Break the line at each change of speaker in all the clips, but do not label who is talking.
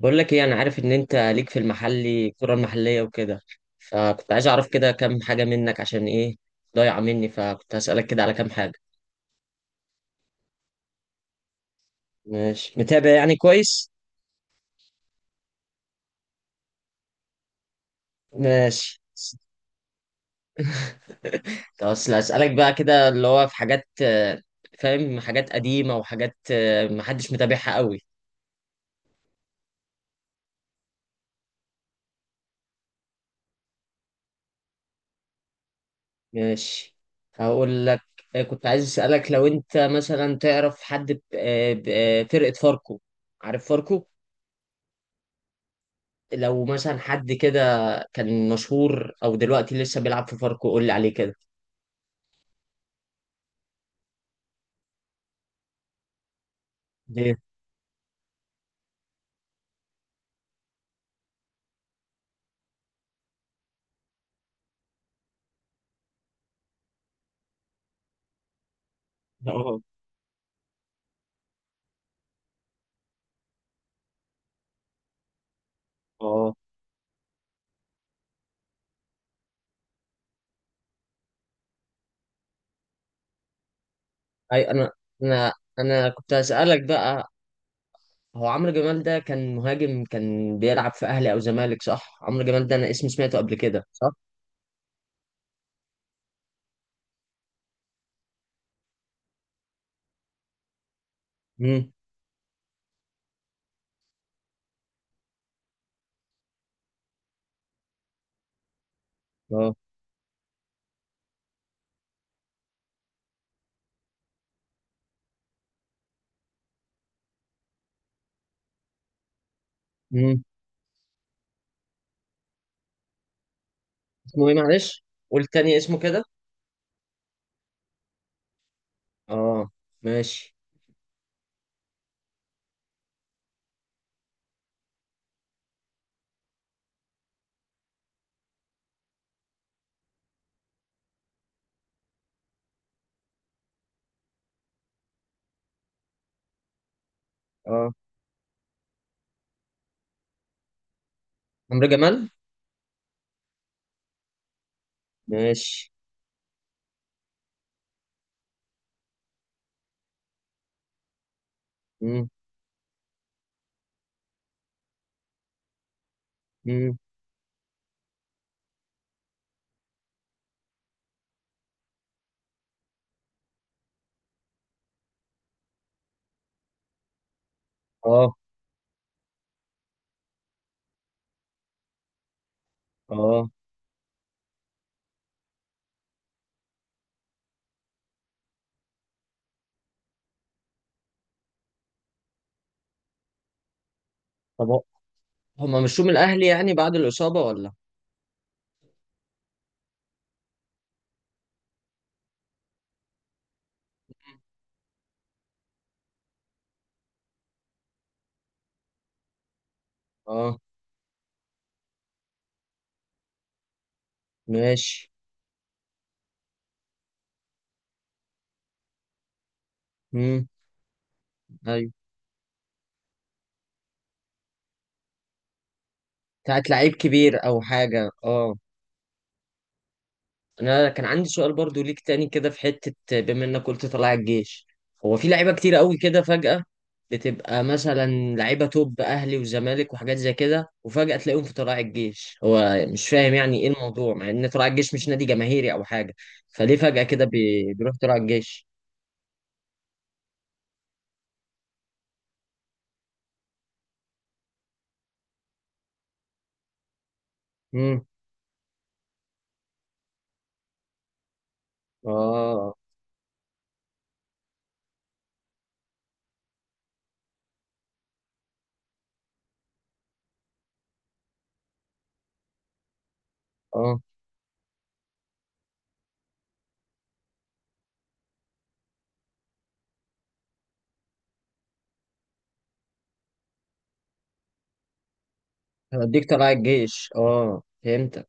بقول لك ايه، انا عارف ان انت ليك في المحلي الكرة المحلية وكده. فكنت عايز اعرف كده كام حاجة منك عشان ايه ضايعة مني، فكنت هسألك كده على كام حاجة. ماشي، متابع يعني كويس. ماشي. طب اصل هسألك بقى كده اللي هو في حاجات، فاهم، حاجات قديمة وحاجات محدش متابعها قوي. ماشي. هقول لك. كنت عايز أسألك لو انت مثلا تعرف حد فرقة فاركو. عارف فاركو؟ لو مثلا حد كده كان مشهور او دلوقتي لسه بيلعب في فاركو، قول لي عليه كده. ليه؟ اه، اه. اي، انا انا كنت هسألك بقى. هو عمرو جمال ده كان مهاجم، كان بيلعب في اهلي او زمالك صح؟ عمرو جمال ده انا اسم سمعته قبل كده صح؟ امم. اه. امم. اسمه ايه معلش؟ قول تاني اسمه كده. اه. ماشي. اه. عمرو جمال. ماشي. امم. امم. اه. اه. طب هما مشوه من الاهلي يعني بعد الاصابة ولا؟ اه. ماشي. امم. ايوه. بتاعت لعيب كبير او حاجه، اه. انا كان عندي سؤال برضو ليك تاني كده في حته. بما انك قلت طلع الجيش، هو في لعيبه كتير قوي كده فجاه بتبقى مثلا لعيبه توب اهلي وزمالك وحاجات زي كده، وفجاه تلاقيهم في طلائع الجيش. هو مش فاهم يعني ايه الموضوع، مع ان طلائع الجيش مش نادي جماهيري او حاجه. فليه فجاه كده بيروح طلائع الجيش؟ امم. اه. اه هديك طلائع الجيش، اه فهمتك.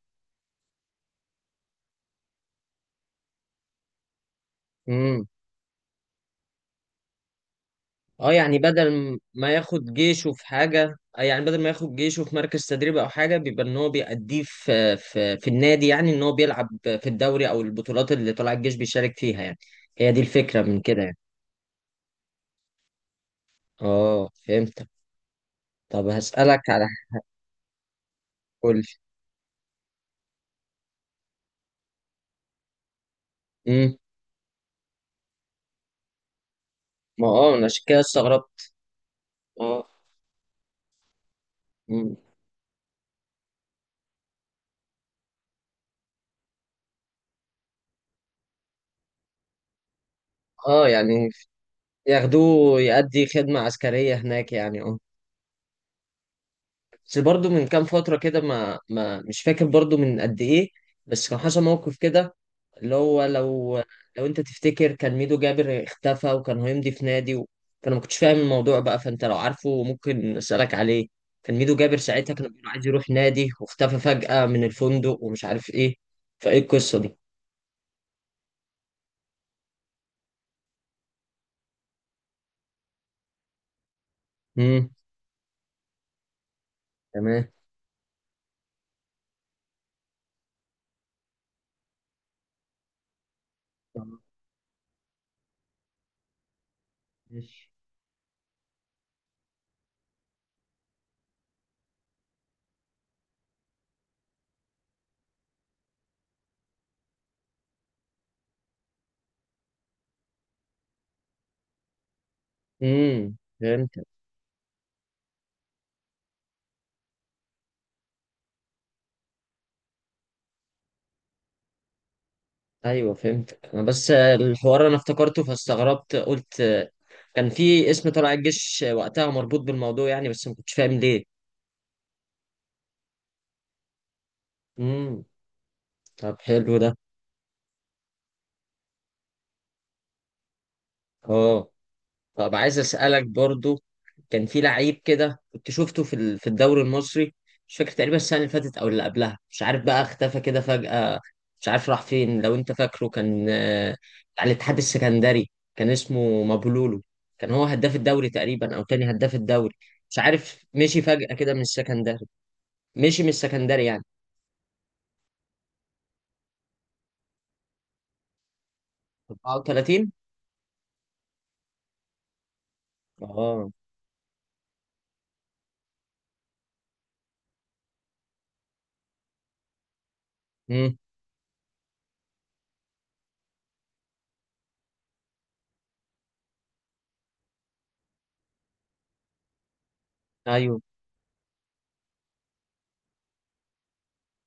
اه، يعني بدل ما ياخد جيشه في حاجة، يعني بدل ما ياخد جيشه في مركز تدريب او حاجة، بيبقى ان هو بيأديه في النادي، يعني ان هو بيلعب في الدوري او البطولات اللي طلع الجيش بيشارك فيها يعني. هي دي الفكرة من كده يعني. اه فهمتك. طب هسألك على كل. امم. ما اه، انا عشان كده استغربت. اه. مم. اه، يعني ياخدوه يأدي خدمة عسكرية هناك يعني، اه. بس برضه من كام فترة كده، ما ما مش فاكر برضه من قد ايه. بس كان حصل موقف كده اللي هو، لو انت تفتكر كان ميدو جابر اختفى وكان هيمضي في نادي و... فانا ما كنتش فاهم الموضوع بقى، فانت لو عارفه ممكن اسالك عليه. كان ميدو جابر ساعتها كان بيقول عايز يروح نادي، واختفى فجأة من الفندق ومش عارف ايه. فايه القصة دي؟ امم. تمام. تمام. ماشي. امم. فهمت. ايوه فهمت، انا بس الحوار انا افتكرته فاستغربت، قلت كان في اسم طلع الجيش وقتها مربوط بالموضوع يعني، بس ما كنتش فاهم ليه. امم. طب حلو ده. اه. طب عايز اسالك برضو. كان في لعيب كده كنت شفته في الدوري المصري. مش فاكر تقريبا، السنه اللي فاتت او اللي قبلها مش عارف بقى، اختفى كده فجاه. مش عارف راح فين، لو انت فاكره، كان على الاتحاد السكندري، كان اسمه مابولولو. كان هو هداف الدوري تقريبا او تاني هداف الدوري. مش عارف، مشي فجاه كده من السكندري. مشي من السكندري يعني. 34. اه. امم.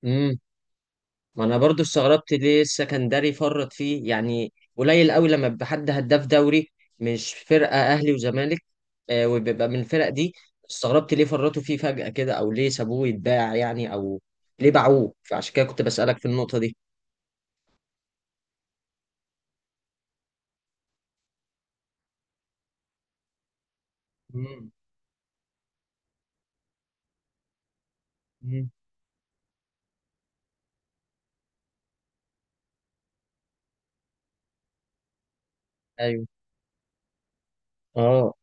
ايوه. ما انا برضو استغربت ليه السكندري فرط فيه، يعني قليل قوي لما بيبقى حد هداف دوري، مش فرقه اهلي وزمالك. وبيبقى من الفرق دي. استغربت ليه فرطوا فيه فجأة كده، او ليه سابوه يتباع يعني، او ليه باعوه. فعشان كده كنت بسألك في النقطه دي. مم. مم. ايوه. اه.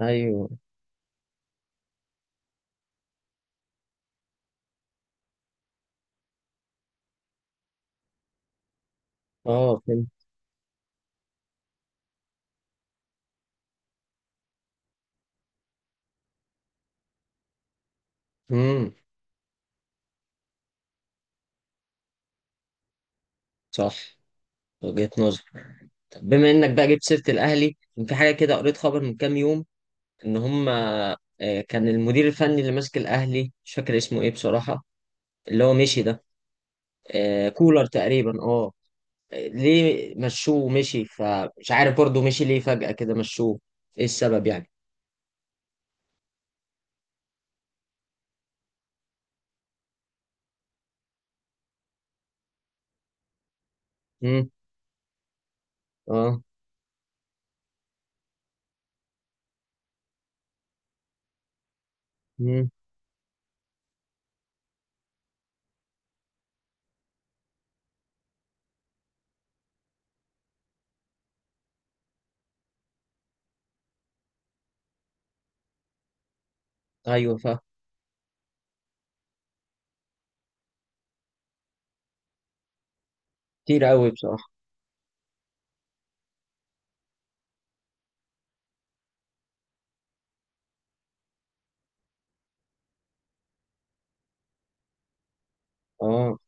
ايوه. اه فهمت. امم. صح. وجهة نظر. طب بما انك بقى جبت سيرة الاهلي، كان في حاجة كده قريت خبر من كام يوم. ان هم كان المدير الفني اللي ماسك الاهلي، مش فاكر اسمه ايه بصراحه. اللي هو مشي ده. كولر تقريبا، اه. ليه مشوه ومشي، فمش عارف برضه مشي ليه فجاه كده مشوه. ايه السبب يعني؟ امم. اه. امم. ايوه. كتير قوي بصراحه. اه.